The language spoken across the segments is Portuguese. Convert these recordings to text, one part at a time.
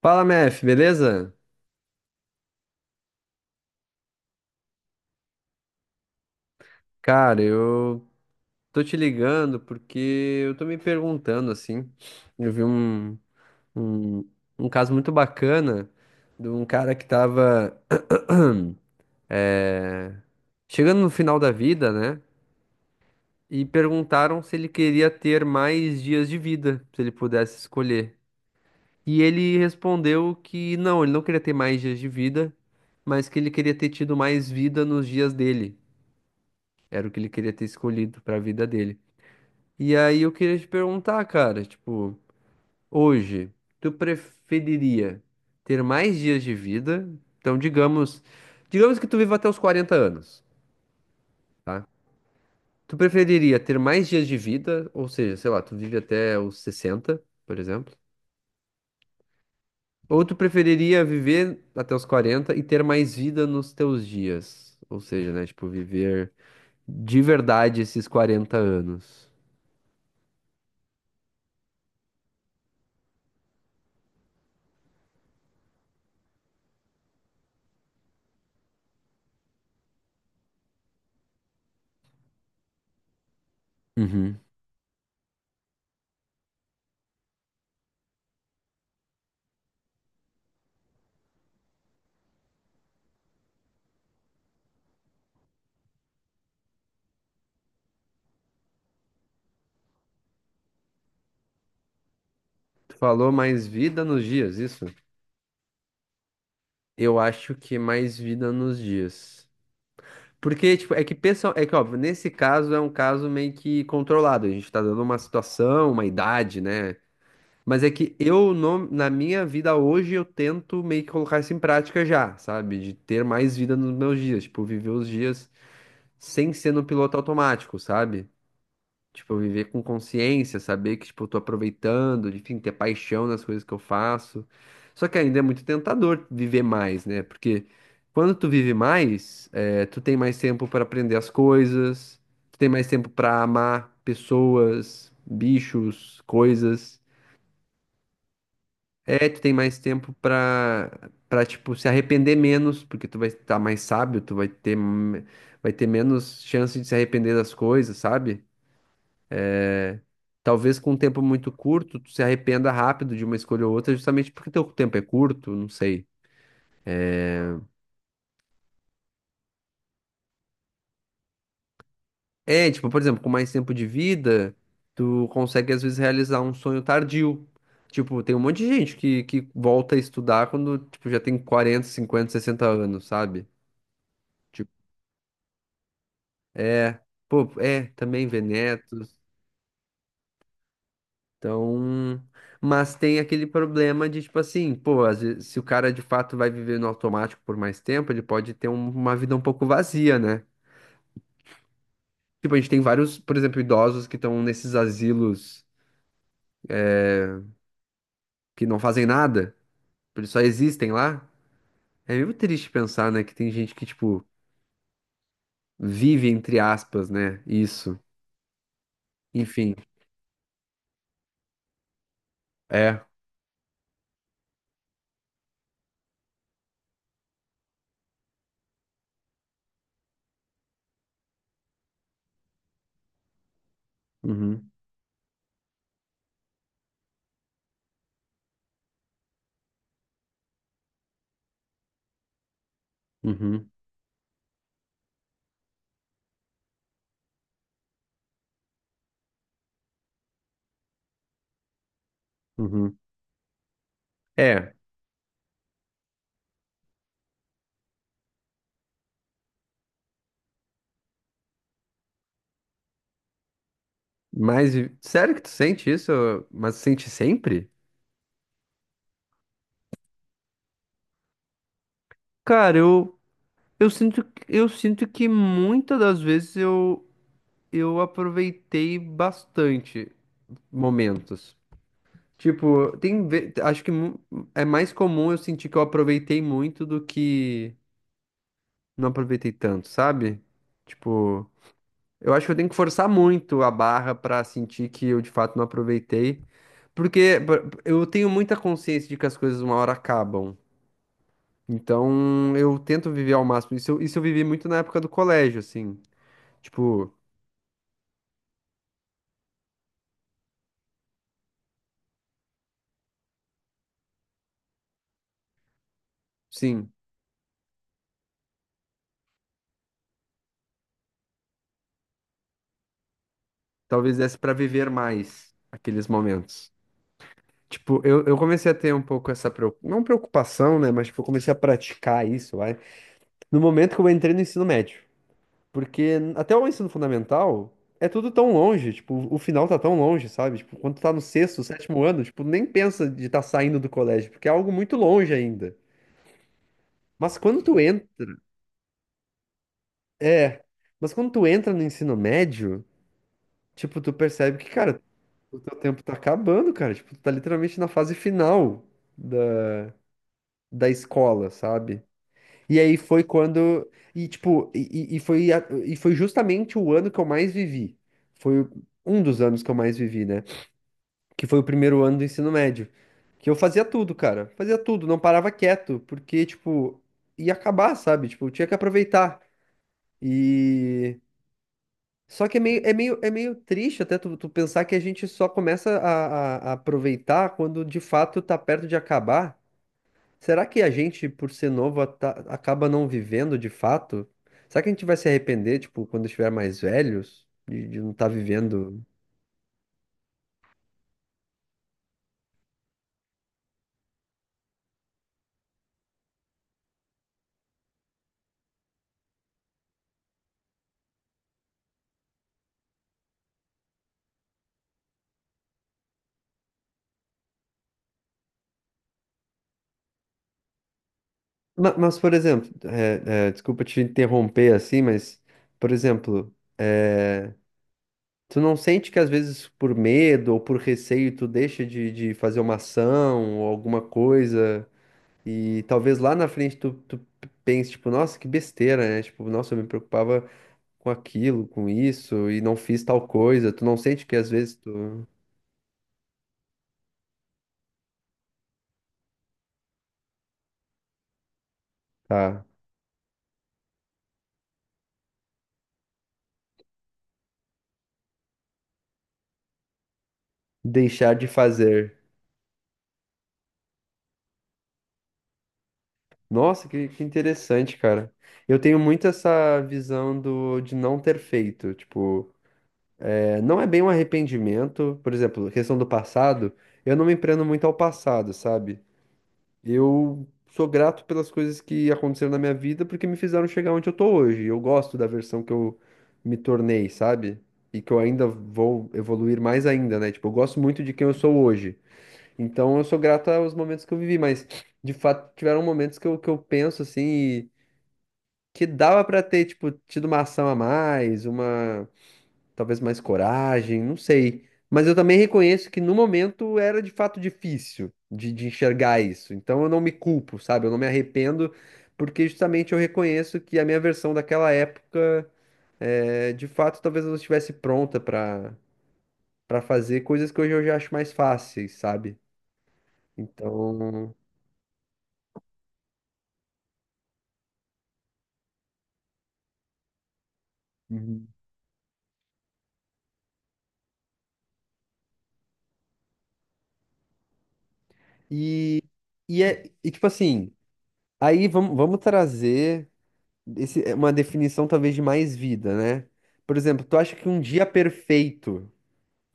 Fala, Mef, beleza? Cara, eu tô te ligando porque eu tô me perguntando assim. Eu vi um, um caso muito bacana de um cara que tava eh, chegando no final da vida, né? E perguntaram se ele queria ter mais dias de vida, se ele pudesse escolher. E ele respondeu que não, ele não queria ter mais dias de vida, mas que ele queria ter tido mais vida nos dias dele. Era o que ele queria ter escolhido para a vida dele. E aí eu queria te perguntar, cara, tipo, hoje, tu preferiria ter mais dias de vida? Então, digamos que tu viva até os 40 anos, tá? Tu preferiria ter mais dias de vida, ou seja, sei lá, tu vive até os 60, por exemplo? Ou tu preferiria viver até os 40 e ter mais vida nos teus dias? Ou seja, né, tipo, viver de verdade esses 40 anos. Uhum. Tu falou mais vida nos dias, isso? Eu acho que mais vida nos dias. Porque, tipo, é que pessoal, é que, óbvio, nesse caso é um caso meio que controlado. A gente tá dando uma situação, uma idade, né? Mas é que eu, na minha vida hoje, eu tento meio que colocar isso em prática já, sabe? De ter mais vida nos meus dias. Tipo, viver os dias sem ser no piloto automático, sabe? Tipo, viver com consciência, saber que, tipo, eu tô aproveitando, enfim, ter paixão nas coisas que eu faço. Só que ainda é muito tentador viver mais, né? Porque quando tu vive mais, tu tem mais tempo para aprender as coisas, tu tem mais tempo para amar pessoas, bichos, coisas. É, tu tem mais tempo tipo, se arrepender menos, porque tu vai estar mais sábio, tu vai vai ter menos chance de se arrepender das coisas, sabe? Talvez com um tempo muito curto, tu se arrependa rápido de uma escolha ou outra, justamente porque teu tempo é curto, não sei. É, tipo, por exemplo, com mais tempo de vida, tu consegue às vezes realizar um sonho tardio. Tipo, tem um monte de gente que volta a estudar quando, tipo, já tem 40 50 60 anos, sabe? Tipo, é, também Venetos. Então, mas tem aquele problema de, tipo assim, pô, às vezes, se o cara de fato vai viver no automático por mais tempo, ele pode ter uma vida um pouco vazia, né? Tipo, a gente tem vários, por exemplo, idosos que estão nesses asilos que não fazem nada, tipo, eles só existem lá. É meio triste pensar, né, que tem gente que, tipo, vive, entre aspas, né, isso. Enfim, é. Uhum, uhum, uhum. É, mas sério que tu sente isso? Mas sente sempre? Cara, eu sinto, eu sinto que muitas das vezes eu aproveitei bastante momentos. Tipo, tem, ve- acho que mu- é mais comum eu sentir que eu aproveitei muito do que não aproveitei tanto, sabe? Tipo, eu acho que eu tenho que forçar muito a barra pra sentir que eu de fato não aproveitei, porque eu tenho muita consciência de que as coisas uma hora acabam. Então, eu tento viver ao máximo. Isso, isso eu vivi muito na época do colégio, assim. Tipo, sim, talvez desse pra viver mais aqueles momentos. Tipo, eu comecei a ter um pouco essa, não preocupação, né? Mas, tipo, eu comecei a praticar isso, vai. No momento que eu entrei no ensino médio. Porque até o ensino fundamental é tudo tão longe, tipo, o final tá tão longe, sabe? Tipo, quando tu tá no sexto, sétimo ano, tipo, nem pensa de estar saindo do colégio, porque é algo muito longe ainda. Mas quando tu entra, é, mas quando tu entra no ensino médio, tipo, tu percebe que, cara, o teu tempo tá acabando, cara. Tipo, tu tá literalmente na fase final da, da escola, sabe? E aí foi quando. E, tipo, e foi justamente o ano que eu mais vivi. Foi um dos anos que eu mais vivi, né? Que foi o primeiro ano do ensino médio. Que eu fazia tudo, cara. Fazia tudo, não parava quieto, porque, tipo, ia acabar, sabe? Tipo, eu tinha que aproveitar. E. Só que é meio triste até tu pensar que a gente só começa a aproveitar quando de fato tá perto de acabar. Será que a gente, por ser novo, acaba não vivendo de fato? Será que a gente vai se arrepender, tipo, quando estiver mais velhos, de não estar vivendo? Mas, por exemplo, desculpa te interromper assim, mas, por exemplo, é, tu não sente que às vezes por medo ou por receio tu deixa de fazer uma ação ou alguma coisa e talvez lá na frente tu pense, tipo, nossa, que besteira, né? Tipo, nossa, eu me preocupava com aquilo, com isso, e não fiz tal coisa. Tu não sente que às vezes tu tá deixar de fazer. Nossa, que interessante, cara. Eu tenho muito essa visão do, de não ter feito. Tipo, é, não é bem um arrependimento. Por exemplo, questão do passado, eu não me prendo muito ao passado, sabe? Eu sou grato pelas coisas que aconteceram na minha vida porque me fizeram chegar onde eu tô hoje. Eu gosto da versão que eu me tornei, sabe? E que eu ainda vou evoluir mais ainda, né? Tipo, eu gosto muito de quem eu sou hoje. Então eu sou grato aos momentos que eu vivi, mas de fato tiveram momentos que que eu penso assim e que dava pra ter, tipo, tido uma ação a mais, uma talvez mais coragem, não sei. Mas eu também reconheço que no momento era de fato difícil de enxergar isso. Então eu não me culpo, sabe? Eu não me arrependo, porque justamente eu reconheço que a minha versão daquela época, é, de fato, talvez eu não estivesse pronta para fazer coisas que hoje eu já acho mais fáceis, sabe? Então. Uhum. E, e tipo assim, vamos trazer. Esse é uma definição talvez de mais vida, né? Por exemplo, tu acha que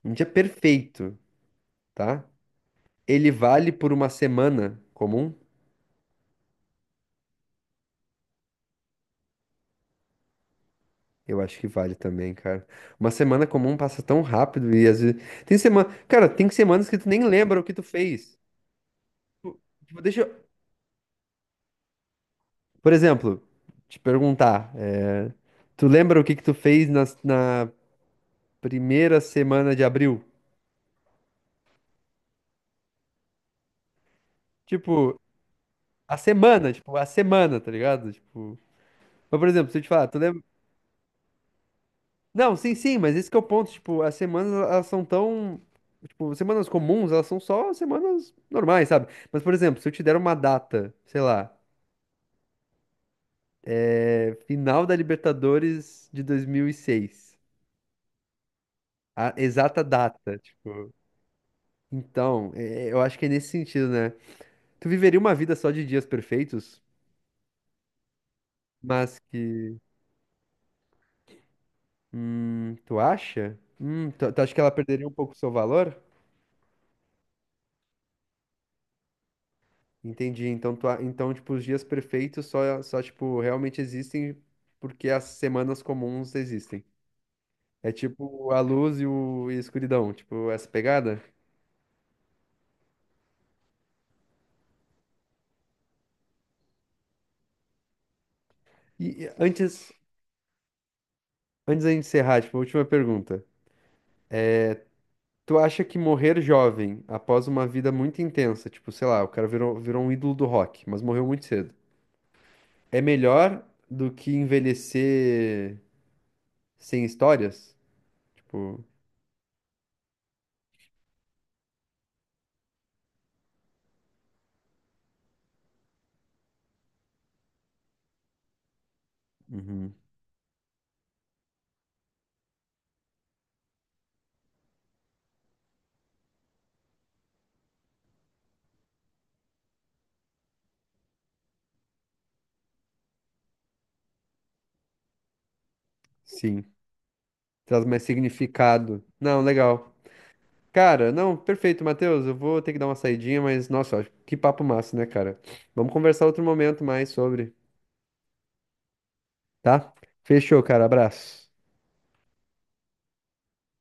um dia perfeito, tá? Ele vale por uma semana comum? Eu acho que vale também, cara. Uma semana comum passa tão rápido e às vezes tem semana, cara, tem semanas que tu nem lembra o que tu fez. Tipo, tipo, deixa, eu- por exemplo, te perguntar, é, tu lembra o que que tu fez na primeira semana de abril? Tipo, a semana, tá ligado? Tipo mas, por exemplo, se eu te falar, tu lembra... Não, sim, sim, mas esse que é o ponto, tipo, as semanas, elas são tão... Tipo, semanas comuns, elas são só semanas normais, sabe? Mas, por exemplo, se eu te der uma data, sei lá, é, final da Libertadores de 2006, a exata data, tipo... Então, é, eu acho que é nesse sentido, né? Tu viveria uma vida só de dias perfeitos, mas que... tu acha? Tu acha que ela perderia um pouco o seu valor? Entendi. Então, então, tipo, os dias perfeitos só, tipo, realmente existem porque as semanas comuns existem. É tipo a luz e a escuridão, tipo, essa pegada. E e antes, Antes da gente encerrar, tipo, a última pergunta. Tu acha que morrer jovem, após uma vida muito intensa, tipo, sei lá, o cara virou um ídolo do rock, mas morreu muito cedo, é melhor do que envelhecer sem histórias? Tipo, uhum, sim. Traz mais significado. Não, legal. Cara, não, perfeito, Matheus. Eu vou ter que dar uma saidinha, mas nossa, que papo massa, né, cara? Vamos conversar outro momento mais sobre, tá? Fechou, cara. Abraço.